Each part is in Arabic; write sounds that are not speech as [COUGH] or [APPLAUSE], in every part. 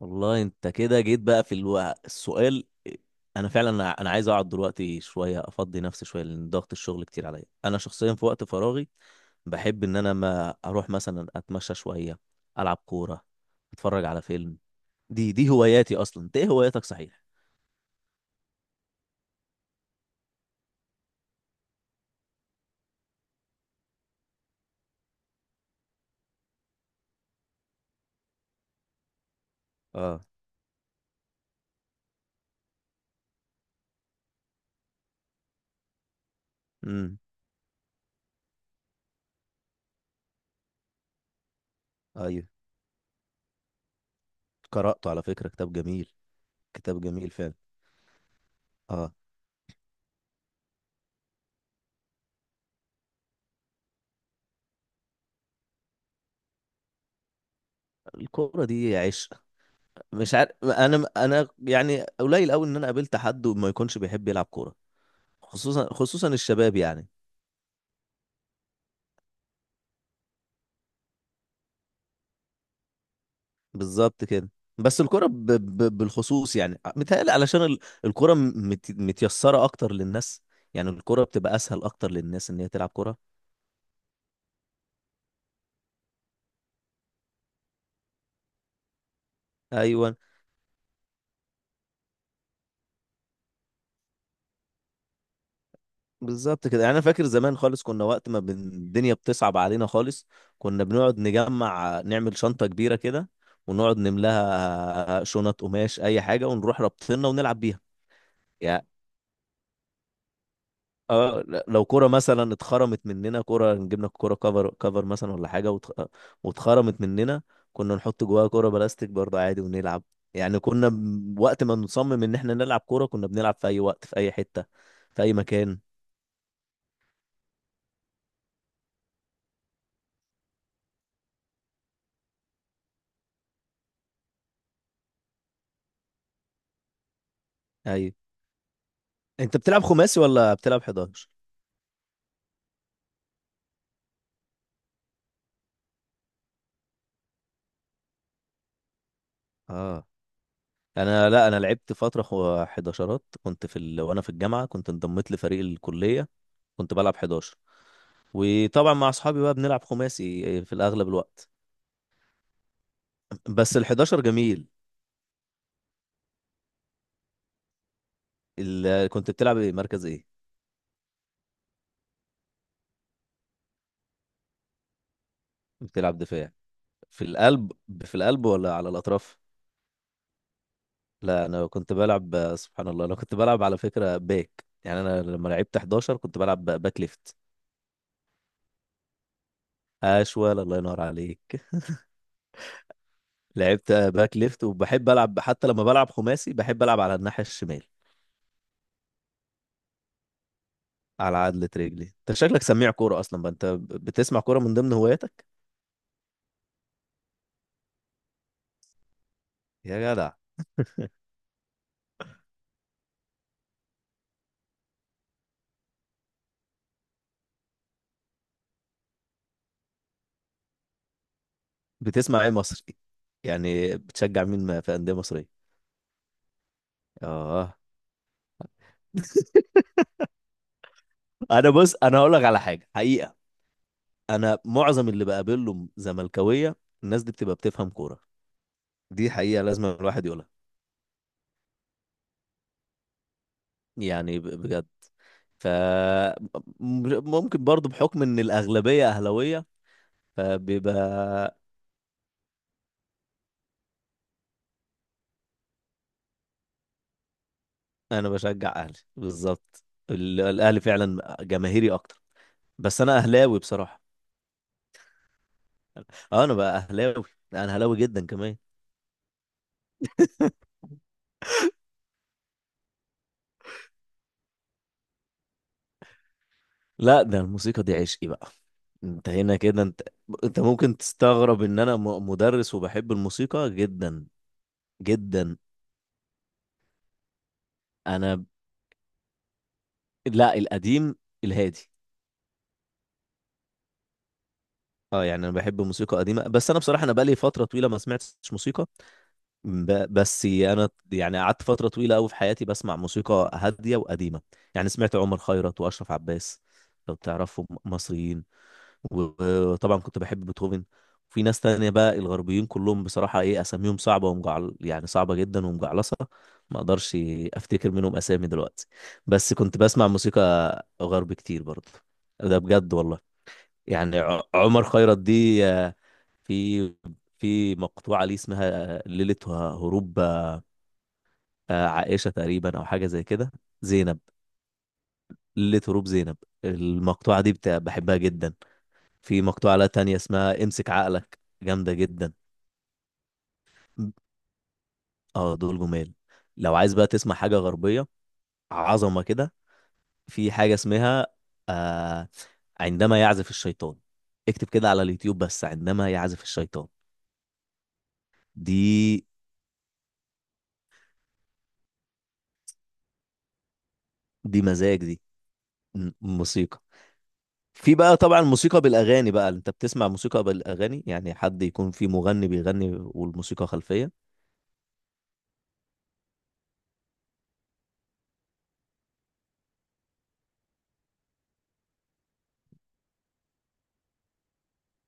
والله انت كده جيت بقى في الوقت السؤال. انا فعلا انا أنا عايز اقعد دلوقتي شويه، افضي نفسي شويه، لان ضغط الشغل كتير عليا. انا شخصيا في وقت فراغي بحب ان انا ما اروح مثلا اتمشى شويه، العب كوره، اتفرج على فيلم. دي هواياتي اصلا. انت ايه هواياتك صحيح؟ اه. امم. ايوه، قراته على فكره، كتاب جميل. كتاب جميل فعلا. اه. الكوره دي عشق. مش عارف، انا يعني قليل قوي ان انا قابلت حد وما يكونش بيحب يلعب كوره. خصوصا الشباب يعني. بالظبط كده. بس الكرة بالخصوص يعني متهيألي علشان الكرة متيسرة أكتر للناس. يعني الكرة بتبقى أسهل أكتر للناس إن هي تلعب كرة. أيوه، بالظبط كده. يعني أنا فاكر زمان خالص كنا وقت ما الدنيا بتصعب علينا خالص، كنا بنقعد نجمع نعمل شنطة كبيرة كده، ونقعد نملاها شنط قماش أي حاجة، ونروح رابطينها ونلعب بيها. اه، لو كرة مثلا اتخرمت مننا، كرة نجيب لك كرة كفر كفر مثلا ولا حاجة، واتخرمت مننا، كنا نحط جواها كرة بلاستيك برضه عادي ونلعب. يعني كنا وقت ما نصمم ان احنا نلعب كرة كنا بنلعب في اي وقت، في اي حتة، في اي مكان. اي. انت بتلعب خماسي ولا بتلعب 11؟ اه. لا، انا لعبت فترة 11، كنت في وانا في الجامعة كنت انضميت لفريق الكلية. كنت بلعب 11. وطبعا مع اصحابي بقى بنلعب خماسي في الاغلب الوقت. بس ال 11 جميل. كنت بتلعب ايه، مركز ايه؟ بتلعب دفاع. في القلب. في القلب ولا على الاطراف؟ لا، انا كنت بلعب، سبحان الله، انا كنت بلعب على فكرة باك. يعني انا لما لعبت 11 كنت بلعب باك ليفت. اشول، الله ينور عليك. [LAUGHS] لعبت باك ليفت، وبحب العب حتى لما بلعب خماسي بحب العب على الناحية الشمال. على عدلة رجلي. انت شكلك سميع كورة اصلا بقى، انت بتسمع كورة من ضمن هواياتك؟ يا جدع. بتسمع ايه مصري؟ يعني بتشجع مين، في أندية مصرية؟ اه. انا بص، انا هقول لك على حاجه حقيقه. انا معظم اللي بقابله زملكاويه. الناس دي بتبقى بتفهم كوره. دي حقيقه لازم الواحد يقولها. يعني بجد. ف ممكن برضو بحكم ان الاغلبيه اهلاويه، فبيبقى انا بشجع اهلي بالظبط. الاهلي فعلا جماهيري اكتر. بس انا اهلاوي بصراحه. اه انا بقى اهلاوي. لا، انا اهلاوي جدا كمان. لا، ده الموسيقى دي عشقي بقى. انت هنا كده انت. انت ممكن تستغرب ان انا مدرس وبحب الموسيقى جدا. جدا. انا. لا، القديم، الهادي. اه يعني انا بحب موسيقى قديمه، بس انا بصراحه انا بقالي فتره طويله ما سمعتش موسيقى. بس انا يعني قعدت فتره طويله قوي في حياتي بسمع موسيقى هاديه وقديمه. يعني سمعت عمر خيرت واشرف عباس، لو تعرفهم مصريين. وطبعا كنت بحب بيتهوفن. في ناس تانية بقى، الغربيين كلهم بصراحة ايه، اساميهم صعبة ومجعل يعني صعبة جدا ومجعلصة، ما اقدرش افتكر منهم اسامي دلوقتي. بس كنت بسمع موسيقى غرب كتير برضه. ده بجد والله. يعني عمر خيرت دي في في مقطوعة ليه اسمها ليلة هروب، عائشة تقريبا أو حاجة زي كده، زينب. ليلة هروب زينب. المقطوعة دي بحبها جدا. في مقطوعة لها تانية اسمها امسك عقلك، جامدة جدا. اه دول جمال. لو عايز بقى تسمع حاجة غربية، عظمة كده، في حاجة اسمها آه عندما يعزف الشيطان. اكتب كده على اليوتيوب بس، عندما يعزف الشيطان. دي دي مزاج دي. موسيقى. في بقى طبعا موسيقى بالاغاني بقى، انت بتسمع موسيقى بالاغاني يعني حد يكون في مغني بيغني والموسيقى خلفيه؟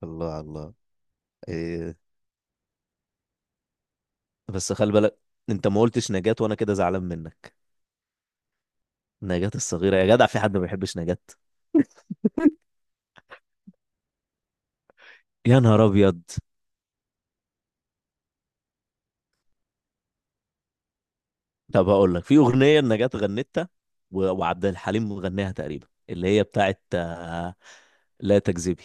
الله الله. إيه. بس خلي بالك، انت ما قلتش نجاة وانا كده زعلان منك. نجاة الصغيره يا جدع، في حد ما بيحبش نجاة؟ يا نهار ابيض. طب هقول لك، في اغنيه نجاة غنتها وعبد الحليم غناها تقريبا، اللي هي بتاعت لا تكذبي.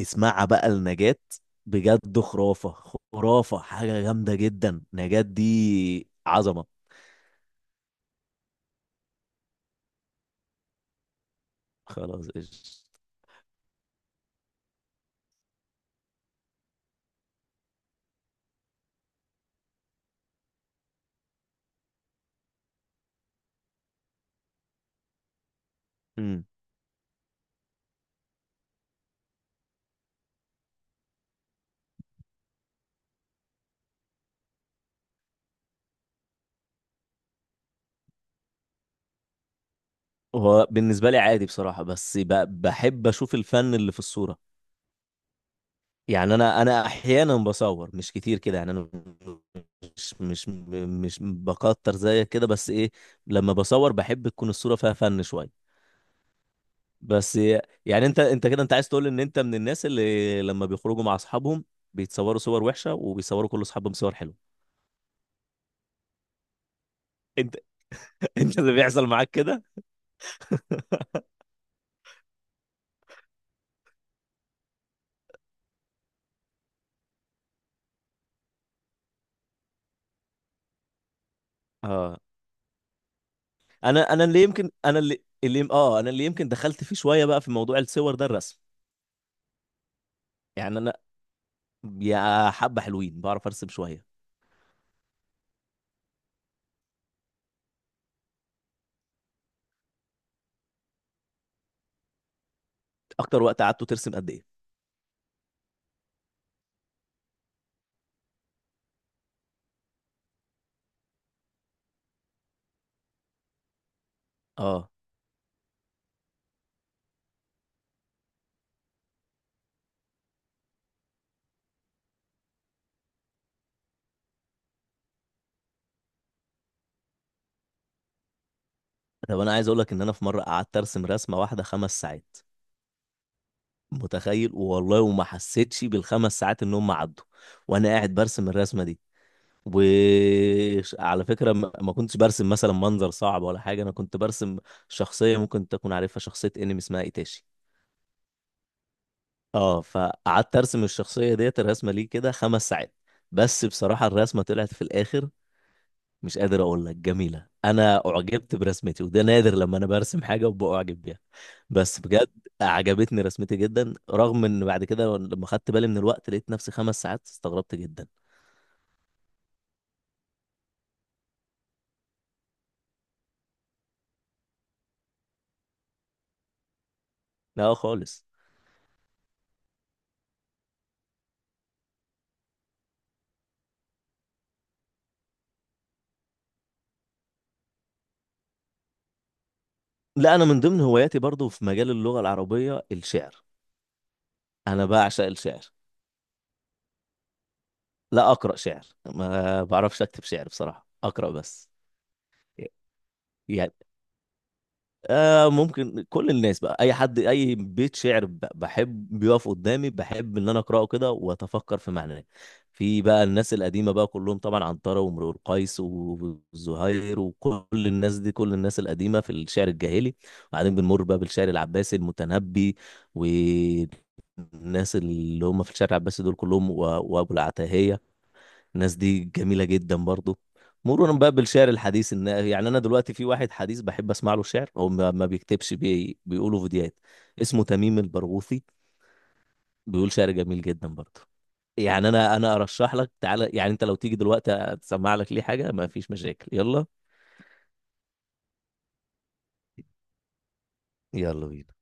اسمعها بقى لنجاة. بجد خرافة. خرافة، حاجة جامدة جدا. نجاة دي عظمة. خلاص قشطة. امم. هو بالنسبة لي عادي بصراحة، بس بحب أشوف الفن اللي في الصورة. يعني أنا أحيانا بصور مش كتير كده. يعني أنا مش بكتر زيك كده، بس إيه، لما بصور بحب تكون الصورة فيها فن شوية. بس. يعني انت عايز تقول ان انت من الناس اللي لما بيخرجوا مع اصحابهم بيتصوروا صور وحشه وبيصوروا كل اصحابهم صور حلوه. انت. [LAUGHS] انت اللي بيحصل معاك كده؟ [LAUGHS] اه. انا انا اللي يمكن انا اللي اللي اه انا اللي يمكن دخلت فيه شويه بقى في موضوع الصور ده الرسم. يعني انا، يا حبه حلوين، بعرف ارسم شويه. اكتر وقت قعدته ترسم قد ايه؟ اه. طب انا عايز اقول لك ان انا في مره قعدت ارسم رسمه واحده 5 ساعات. متخيل والله؟ وما حسيتش بالخمس ساعات ان هم عدوا وانا قاعد برسم الرسمه دي. وعلى فكرة ما كنتش برسم مثلا منظر صعب ولا حاجة، أنا كنت برسم شخصية ممكن تكون عارفها، شخصية انمي اسمها ايتاشي. اه فقعدت ارسم الشخصية ديت الرسمة ليه كده 5 ساعات. بس بصراحة الرسمة طلعت في الآخر، مش قادر أقول لك جميلة. أنا أعجبت برسمتي وده نادر لما أنا برسم حاجة وبأعجب بيها. بس بجد عجبتني رسمتي جدا، رغم إن بعد كده لما خدت بالي من الوقت لقيت نفسي 5 ساعات، استغربت جدا. لا خالص. لا انا من ضمن هواياتي برضو في مجال اللغه العربيه الشعر. انا بعشق الشعر. لا اقرا شعر، ما بعرفش اكتب شعر بصراحه، اقرا بس. يعني آه ممكن كل الناس بقى، اي حد اي بيت شعر بحب بيقف قدامي بحب ان انا اقراه كده واتفكر في معناه. في بقى الناس القديمه بقى كلهم طبعا، عنترة وامرؤ القيس والزهير وكل الناس دي، كل الناس القديمه في الشعر الجاهلي. وبعدين بنمر بقى بالشعر العباسي، المتنبي والناس اللي هم في الشعر العباسي دول كلهم، وابو العتاهيه، الناس دي جميلة جدا برضو. مرورا بقى بالشعر الحديث، ان يعني انا دلوقتي في واحد حديث بحب اسمع له شعر، هو ما بيكتبش بيقوله فيديوهات، اسمه تميم البرغوثي، بيقول شعر جميل جدا برضو. يعني انا ارشح لك، تعالى يعني انت لو تيجي دلوقتي اسمع لك ليه حاجة ما فيش مشاكل، يلا. يلا بينا.